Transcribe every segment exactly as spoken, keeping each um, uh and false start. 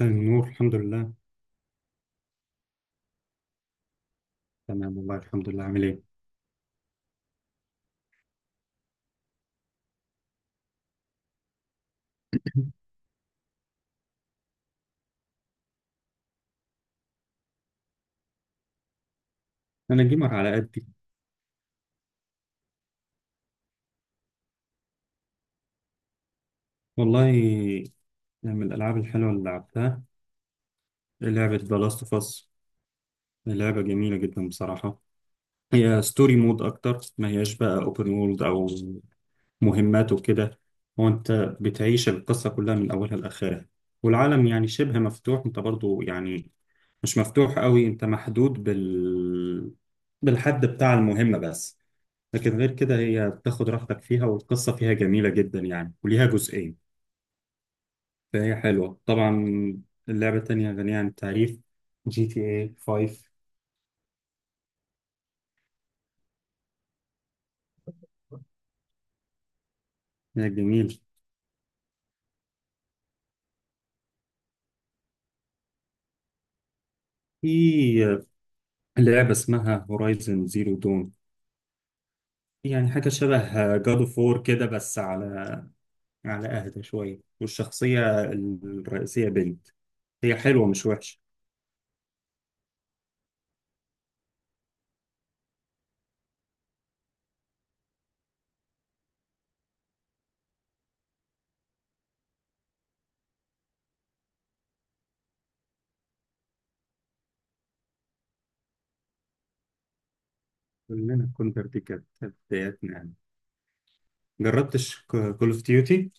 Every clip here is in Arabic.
النور، الحمد لله. تمام والله، الحمد لله. عامل ايه؟ انا جيمر على قدي. والله، من الالعاب الحلوه اللي لعبتها لعبه ذا لاست اوف اس، لعبه جميله جدا بصراحه. هي ستوري مود اكتر ما هياش بقى اوبن وورلد او مهمات وكده. هو انت بتعيش القصه كلها من اولها لاخرها، والعالم يعني شبه مفتوح، انت برضو يعني مش مفتوح قوي، انت محدود بال بالحد بتاع المهمه بس. لكن غير كده هي بتاخد راحتك فيها، والقصة فيها جميلة جدا يعني، وليها جزئين. فهي حلوة طبعا. اللعبة التانية غنية عن التعريف، جي تي اي خمسة. هي جميل. في لعبة اسمها هورايزن زيرو دون، يعني حاجة شبه جاد اوف وور كده، بس على على أهدى شوية، والشخصية الرئيسية بنت، هي حلوة مش وحشة. كلنا كنا، دي كانت بداياتنا يعني. جربتش كول اوف ديوتي؟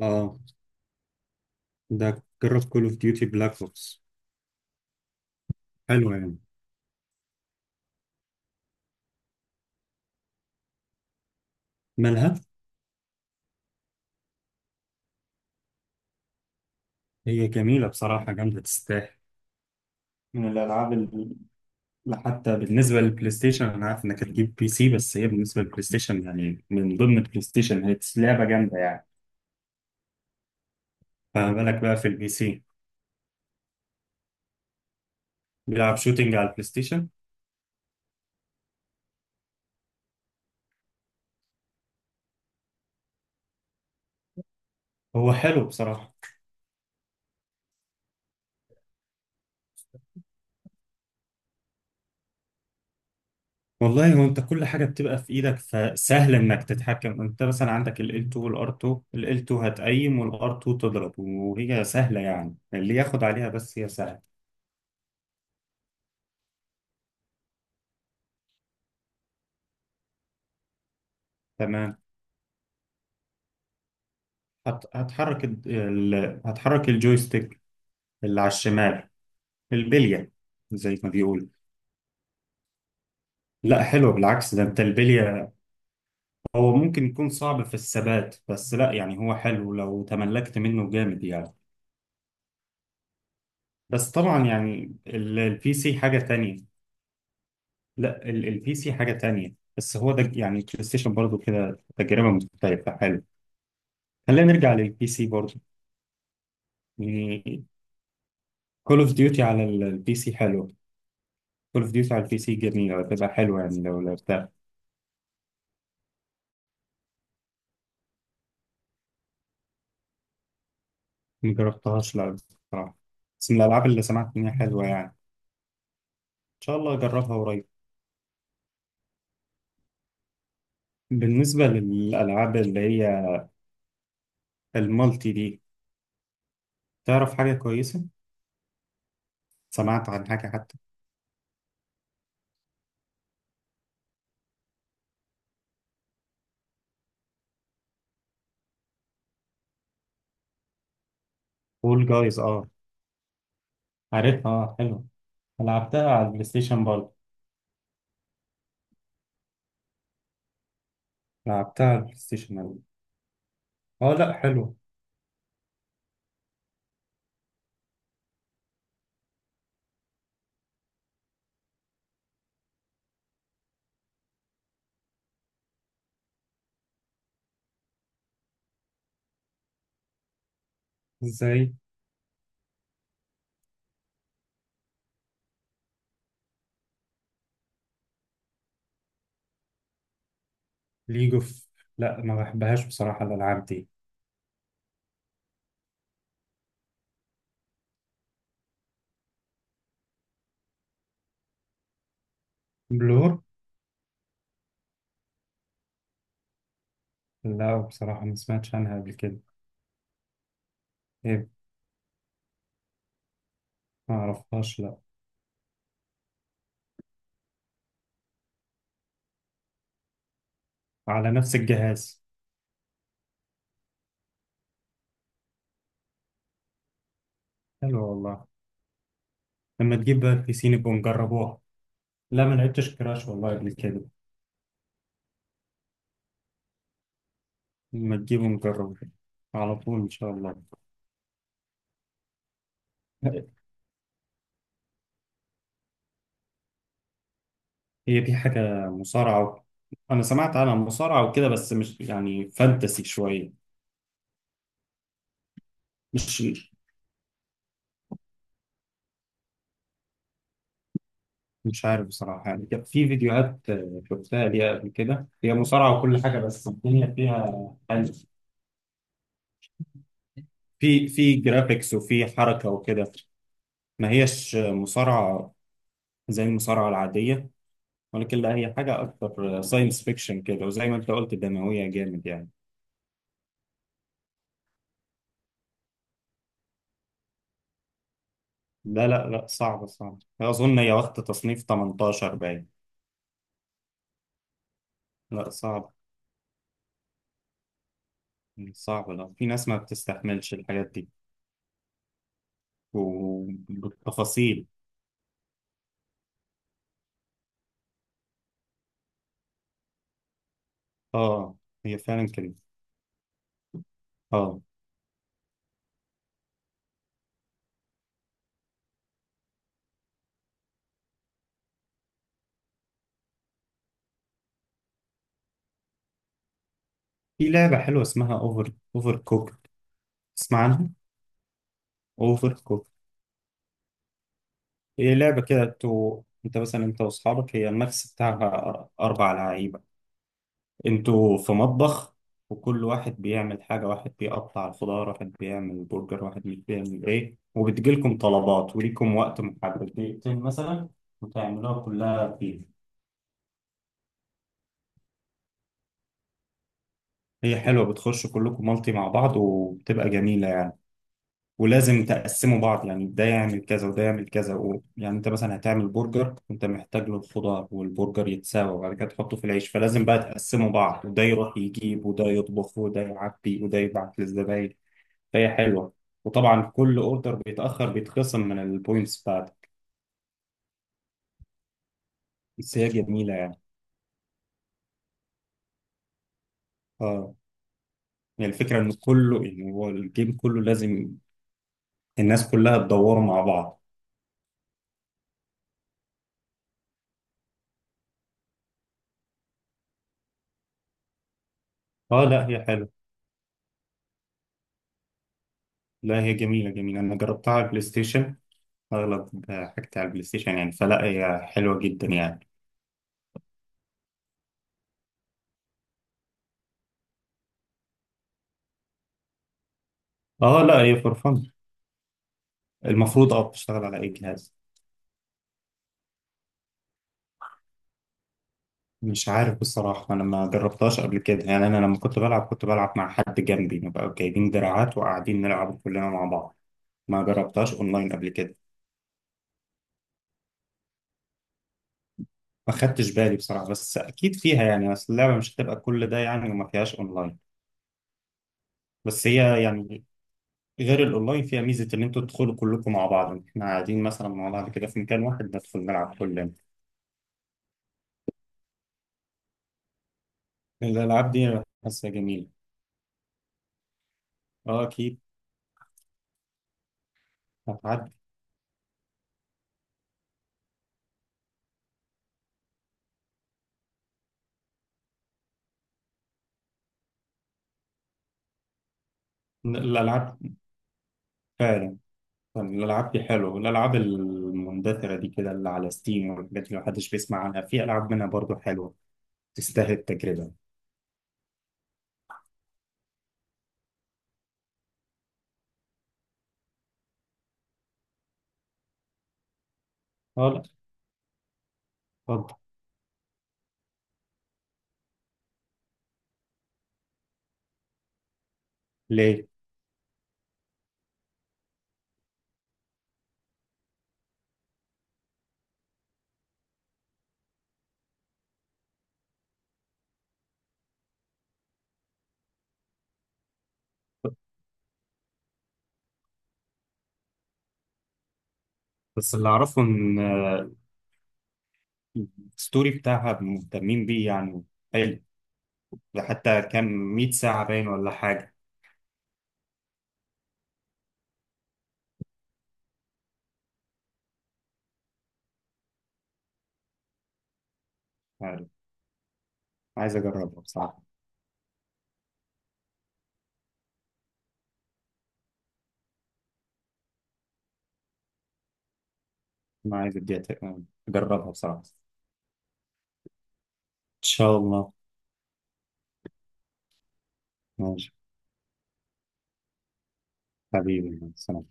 اه، ده جرب كول اوف ديوتي بلاك اوبس. حلوة يعني. مالها. هي جميلة بصراحة، جامدة تستاهل. من الألعاب اللي حتى بالنسبة للبلاي ستيشن، أنا عارف إنك هتجيب بي سي، بس هي بالنسبة للبلاي ستيشن يعني، من ضمن البلاي ستيشن هي لعبة جامدة يعني، فما بالك بقى في البي سي. بيلعب شوتينج على البلاي ستيشن. هو حلو بصراحة. والله، هو انت كل حاجه بتبقى في ايدك، فسهل انك تتحكم. انت مثلا عندك ال إل اتنين وال آر تو، ال إل تو هتقيم وال آر تو تضرب، وهي سهله يعني، اللي ياخد عليها، بس هي سهله. تمام. هت... هتحرك ال... ال- هتحرك الجويستيك اللي على الشمال، البلية، زي ما بيقول. لا حلو بالعكس، ده انت البلية. هو ممكن يكون صعب في الثبات، بس لا يعني، هو حلو لو تملكت منه جامد يعني. بس طبعا يعني ال- البي سي حاجة تانية. لا، ال- البي سي حاجة تانية، بس هو ده يعني، البلاي ستيشن برضه كده تجربة مختلفة، حلو. خلينا نرجع للبي سي برضه. يعني، كول اوف ديوتي على البي سي حلو. كول اوف ديوتي على البي سي جميلة، هتبقى حلوة يعني لو لعبتها. ما جربتهاش، لا بصراحة، بس من الألعاب اللي سمعت إن هي حلوة يعني، إن شاء الله أجربها قريب. بالنسبة للألعاب اللي هي المالتي دي، تعرف حاجة كويسة؟ سمعت عن حاجة حتى. فول جايز، أه عارفها، أه حلوة. لعبتها على البلاي ستيشن برضه. لعبتها على البلاي ستيشن أوي. أه لأ حلوة. إزاي. ليج أوف، لأ ما بحبهاش بصراحة الألعاب دي. بلور، لأ بصراحة ما سمعتش عنها قبل كده. إيه، ما أعرفهاش لأ. على نفس الجهاز. حلو والله. لما تجيب بقى البي سي نبقوا نجربوها. لا ما لعبتش كراش والله قبل كده. لما تجيبوا نجربه على طول، إن شاء الله. هي دي حاجة مصارعة. أنا سمعت عنها مصارعة وكده، بس مش يعني فانتسي شوية. مش مش عارف بصراحة يعني، كان في فيديوهات آه، شفتها ليها قبل كده، هي مصارعة وكل حاجة، بس الدنيا فيها يعني، في في جرافيكس وفي حركة وكده. ما هيش مصارعة زي المصارعة العادية، ولكن لا، هي حاجة أكتر ساينس فيكشن كده، وزي ما أنت قلت دموية جامد يعني. لا لا لا، صعب صعب. أظن هي واخدة تصنيف تمنتاشر باين. لا صعب. صعب. لا، في ناس ما بتستحملش الحاجات دي. وبالتفاصيل. اه. هي فعلا كده. اه، في لعبة حلوة اسمها اوفر اوفر كوك، تسمع عنها؟ اوفر كوك، هي لعبة كده تو، انت مثلا انت واصحابك، هي الماكس بتاعها اربع لعيبة. انتوا في مطبخ، وكل واحد بيعمل حاجة، واحد بيقطع الخضار، واحد بيعمل برجر، واحد مش بيعمل ايه، وبتجيلكم طلبات وليكم وقت محدد دقيقتين مثلا، وتعملوها كلها فيه. هي حلوة، بتخشوا كلكم مالتي مع بعض، وبتبقى جميلة يعني. ولازم تقسموا بعض، يعني ده يعمل كذا وده يعمل كذا و... يعني انت مثلا هتعمل برجر، انت محتاج له الخضار والبرجر يتساوى، وبعد كده تحطه في العيش، فلازم بقى تقسموا بعض، وده يروح يجيب وده يطبخ وده يعبي وده يبعت للزباين. فهي حلوه. وطبعا كل اوردر بيتاخر بيتخصم من البوينتس بتاعته. بس هي جميله يعني. اه، يعني الفكره ان كله، يعني هو الجيم كله لازم الناس كلها تدور مع بعض. اه لا، هي حلوه. لا، هي جميله جميله، انا جربتها على البلاي ستيشن. اغلب حاجتي على البلاي ستيشن يعني، فلا هي حلوه جدا يعني. اه لا، هي فور فن، المفروض اه بتشتغل على اي جهاز. مش عارف بصراحة، أنا ما جربتهاش قبل كده يعني، أنا لما كنت بلعب كنت بلعب مع حد جنبي، نبقى جايبين دراعات وقاعدين نلعب كلنا مع بعض. ما جربتهاش اونلاين قبل كده. ما خدتش بالي بصراحه، بس اكيد فيها يعني، اصل اللعبه مش هتبقى كل ده يعني وما فيهاش اونلاين. بس هي يعني، غير الاونلاين فيها ميزه، ان انتوا تدخلوا كلكم مع بعض، احنا قاعدين مثلا مع بعض كده في مكان واحد، ندخل نلعب كلنا. الالعاب دي حاسها جميله. اه اكيد، هتعدي. الالعاب فعلا. يعني الالعاب دي حلوه، الالعاب المندثره دي كده اللي على ستيم والحاجات اللي محدش بيسمع عنها، في العاب منها برضو حلوه، تستاهل التجربه. اه لا، اتفضل. ليه. بس اللي أعرفه إن آه، الستوري بتاعها مهتمين بيه يعني، حلو. ده حتى كام ميه ساعة باين ولا حاجة. عارف. عايز أجربها بصراحة. أنا عايز أديها ت- أجربها بصراحة، إن شاء الله. ماشي. حبيبي، سلام.